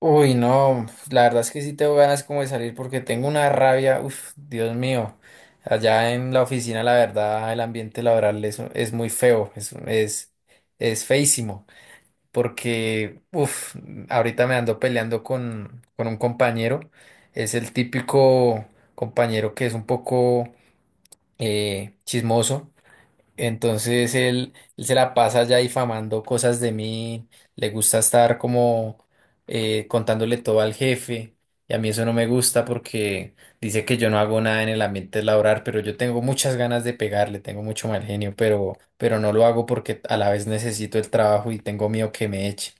Uy, no, pues, la verdad es que sí tengo ganas como de salir porque tengo una rabia, uff, Dios mío. Allá en la oficina, la verdad, el ambiente laboral es muy feo, es feísimo, porque, uff, ahorita me ando peleando con un compañero, es el típico compañero que es un poco chismoso. Entonces él se la pasa ya difamando cosas de mí, le gusta estar como contándole todo al jefe, y a mí eso no me gusta porque dice que yo no hago nada en el ambiente laboral, pero yo tengo muchas ganas de pegarle, tengo mucho mal genio, pero no lo hago porque a la vez necesito el trabajo y tengo miedo que me eche.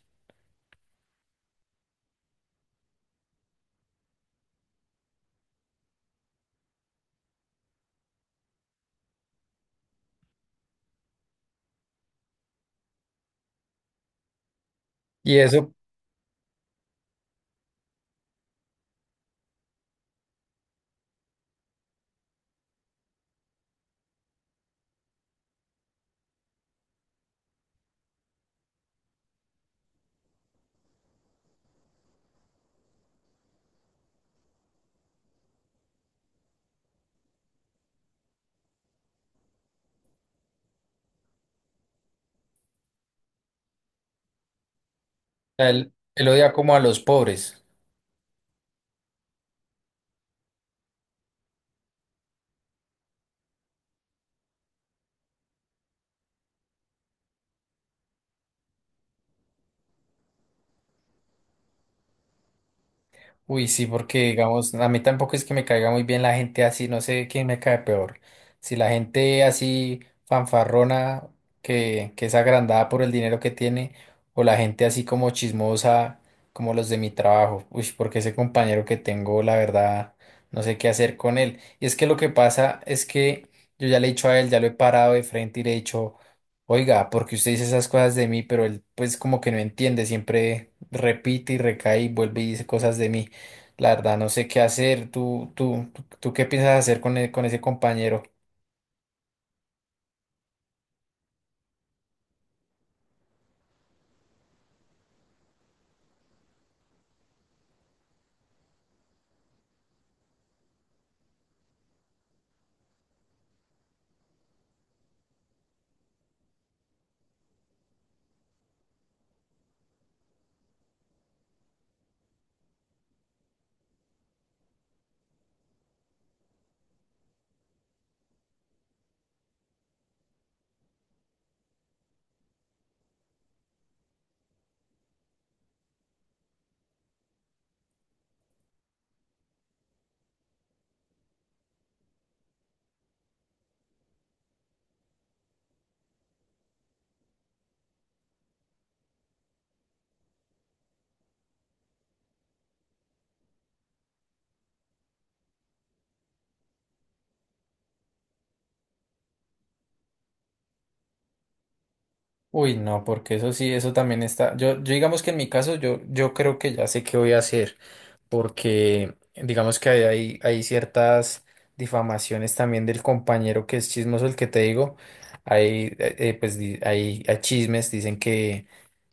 Y eso, él odia como a los pobres. Uy, sí, porque digamos, a mí tampoco es que me caiga muy bien la gente así, no sé quién me cae peor. Si la gente así fanfarrona, que es agrandada por el dinero que tiene, o la gente así como chismosa, como los de mi trabajo. Uy, porque ese compañero que tengo, la verdad, no sé qué hacer con él. Y es que lo que pasa es que yo ya le he dicho a él, ya lo he parado de frente y le he dicho, oiga, porque usted dice esas cosas de mí, pero él pues como que no entiende, siempre repite y recae y vuelve y dice cosas de mí. La verdad, no sé qué hacer. ¿Tú qué piensas hacer con, con ese compañero? Uy, no, porque eso sí, eso también está. Yo digamos que en mi caso, yo creo que ya sé qué voy a hacer, porque digamos que hay ciertas difamaciones también del compañero que es chismoso, el que te digo. Hay, pues, hay chismes, dicen que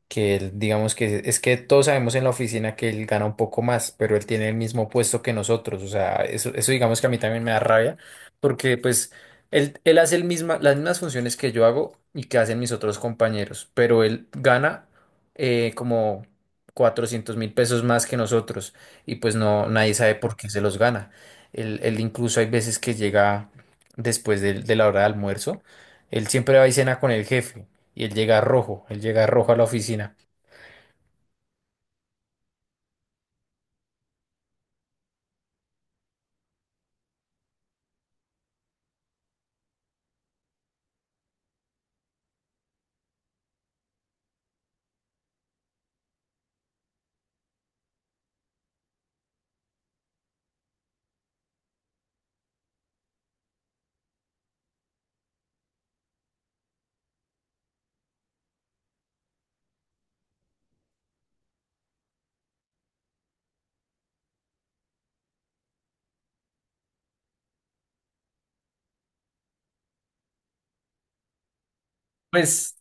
él, digamos que es que todos sabemos en la oficina que él gana un poco más, pero él tiene el mismo puesto que nosotros, o sea, eso digamos que a mí también me da rabia, porque pues él hace las mismas funciones que yo hago y que hacen mis otros compañeros, pero él gana como 400.000 pesos más que nosotros, y pues no, nadie sabe por qué se los gana. Él incluso hay veces que llega después de la hora de almuerzo, él siempre va y cena con el jefe. Y él llega rojo a la oficina. Pues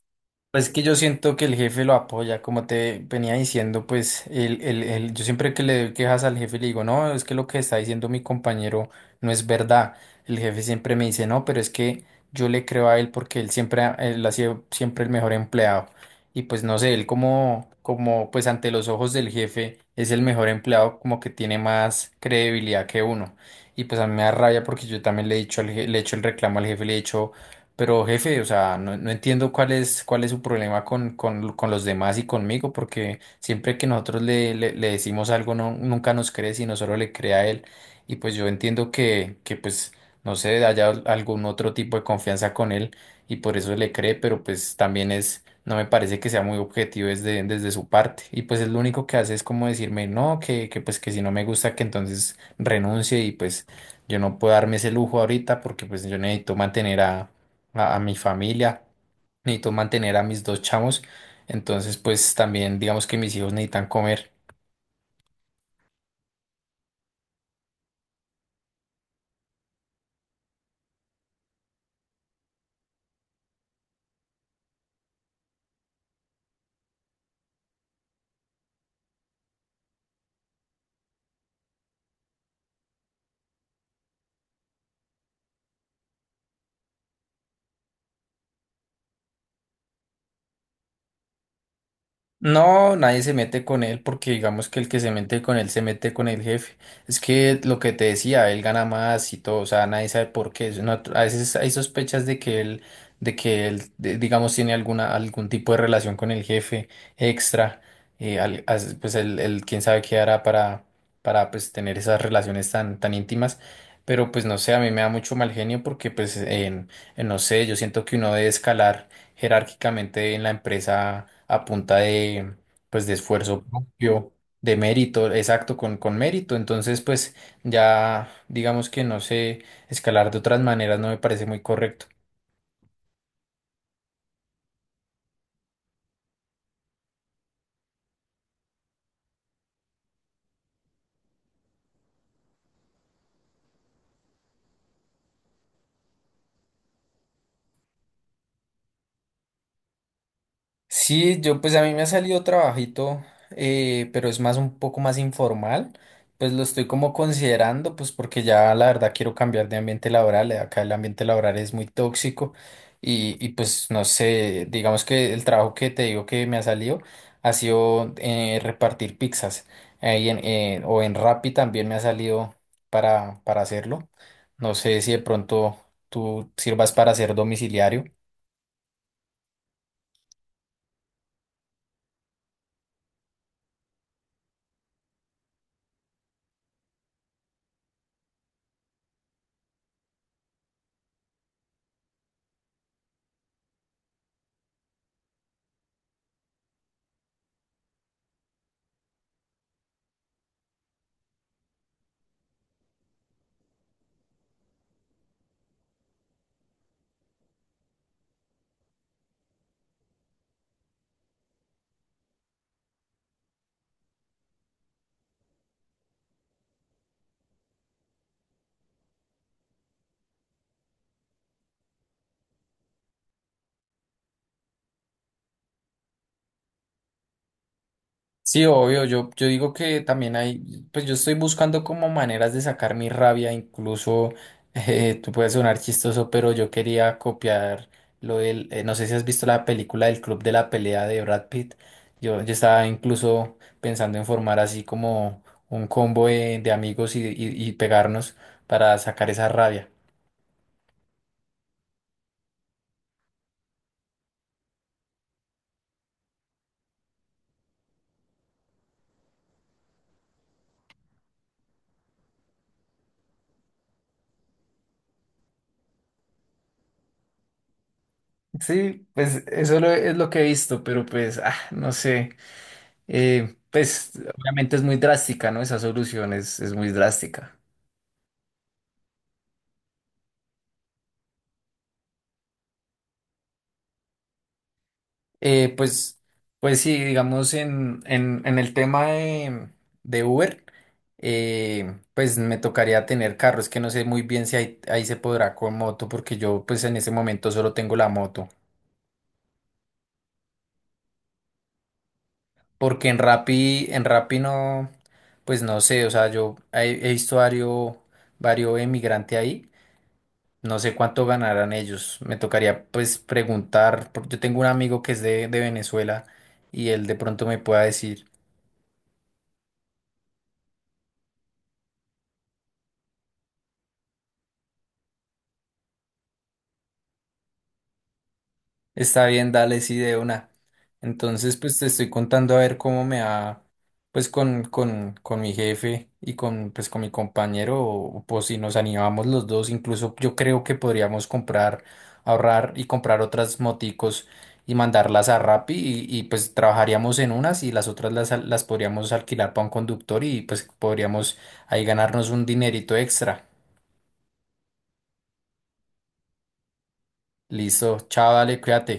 Pues que yo siento que el jefe lo apoya, como te venía diciendo, pues yo siempre que le doy quejas al jefe le digo, no, es que lo que está diciendo mi compañero no es verdad. El jefe siempre me dice, no, pero es que yo le creo a él porque él siempre, él ha sido siempre el mejor empleado. Y pues no sé, él como, como pues ante los ojos del jefe es el mejor empleado, como que tiene más credibilidad que uno. Y pues a mí me da rabia porque yo también le he dicho, le he hecho el reclamo al jefe, le he dicho... Pero jefe, o sea, no, no entiendo cuál es su problema con los demás y conmigo, porque siempre que nosotros le decimos algo, no, nunca nos cree, sino solo le cree a él. Y pues yo entiendo que pues, no sé, haya algún otro tipo de confianza con él y por eso le cree, pero pues también es, no me parece que sea muy objetivo desde su parte. Y pues es lo único que hace es como decirme, no, que pues que si no me gusta, que entonces renuncie y pues yo no puedo darme ese lujo ahorita porque pues yo necesito mantener a mi familia, necesito mantener a mis dos chamos, entonces pues también digamos que mis hijos necesitan comer. No, nadie se mete con él porque digamos que el que se mete con él se mete con el jefe. Es que lo que te decía, él gana más y todo, o sea, nadie sabe por qué. Es una- a veces hay sospechas de que él, digamos, tiene alguna, algún tipo de relación con el jefe extra. Pues él quién sabe qué hará para pues tener esas relaciones tan íntimas. Pero pues no sé, a mí me da mucho mal genio porque pues no sé, yo siento que uno debe escalar jerárquicamente en la empresa a punta de, pues, de esfuerzo propio, de mérito, exacto, con mérito. Entonces, pues ya digamos que no sé, escalar de otras maneras no me parece muy correcto. Sí, yo pues a mí me ha salido trabajito, pero es más un poco más informal. Pues lo estoy como considerando, pues porque ya la verdad quiero cambiar de ambiente laboral. Acá el ambiente laboral es muy tóxico y pues no sé, digamos que el trabajo que te digo que me ha salido ha sido repartir pizzas. Ahí en, o en Rappi también me ha salido para hacerlo. No sé si de pronto tú sirvas para ser domiciliario. Sí, obvio, yo digo que también hay, pues yo estoy buscando como maneras de sacar mi rabia, incluso tú puedes sonar chistoso, pero yo quería copiar no sé si has visto la película del Club de la Pelea de Brad Pitt. Yo estaba incluso pensando en formar así como un combo de amigos y, y pegarnos para sacar esa rabia. Sí, pues es lo que he visto, pero pues, ah, no sé. Pues obviamente es muy drástica, ¿no? Esa solución es muy drástica. Eh, pues, pues sí, digamos en el tema de Uber, pues me tocaría tener carro. Es que no sé muy bien si ahí se podrá con moto, porque yo pues en ese momento solo tengo la moto. Porque en Rappi no, pues no sé, o sea, he visto varios emigrantes ahí. No sé cuánto ganarán ellos. Me tocaría pues preguntar, porque yo tengo un amigo que es de Venezuela y él de pronto me pueda decir. Está bien, dale, sí, de una. Entonces, pues te estoy contando a ver cómo me va, pues con mi jefe y con, pues, con mi compañero, o, pues si nos animamos los dos, incluso yo creo que podríamos comprar, ahorrar y comprar otras moticos y mandarlas a Rappi y, pues trabajaríamos en unas y las otras las podríamos alquilar para un conductor y pues podríamos ahí ganarnos un dinerito extra. Listo, chao, dale, cuídate.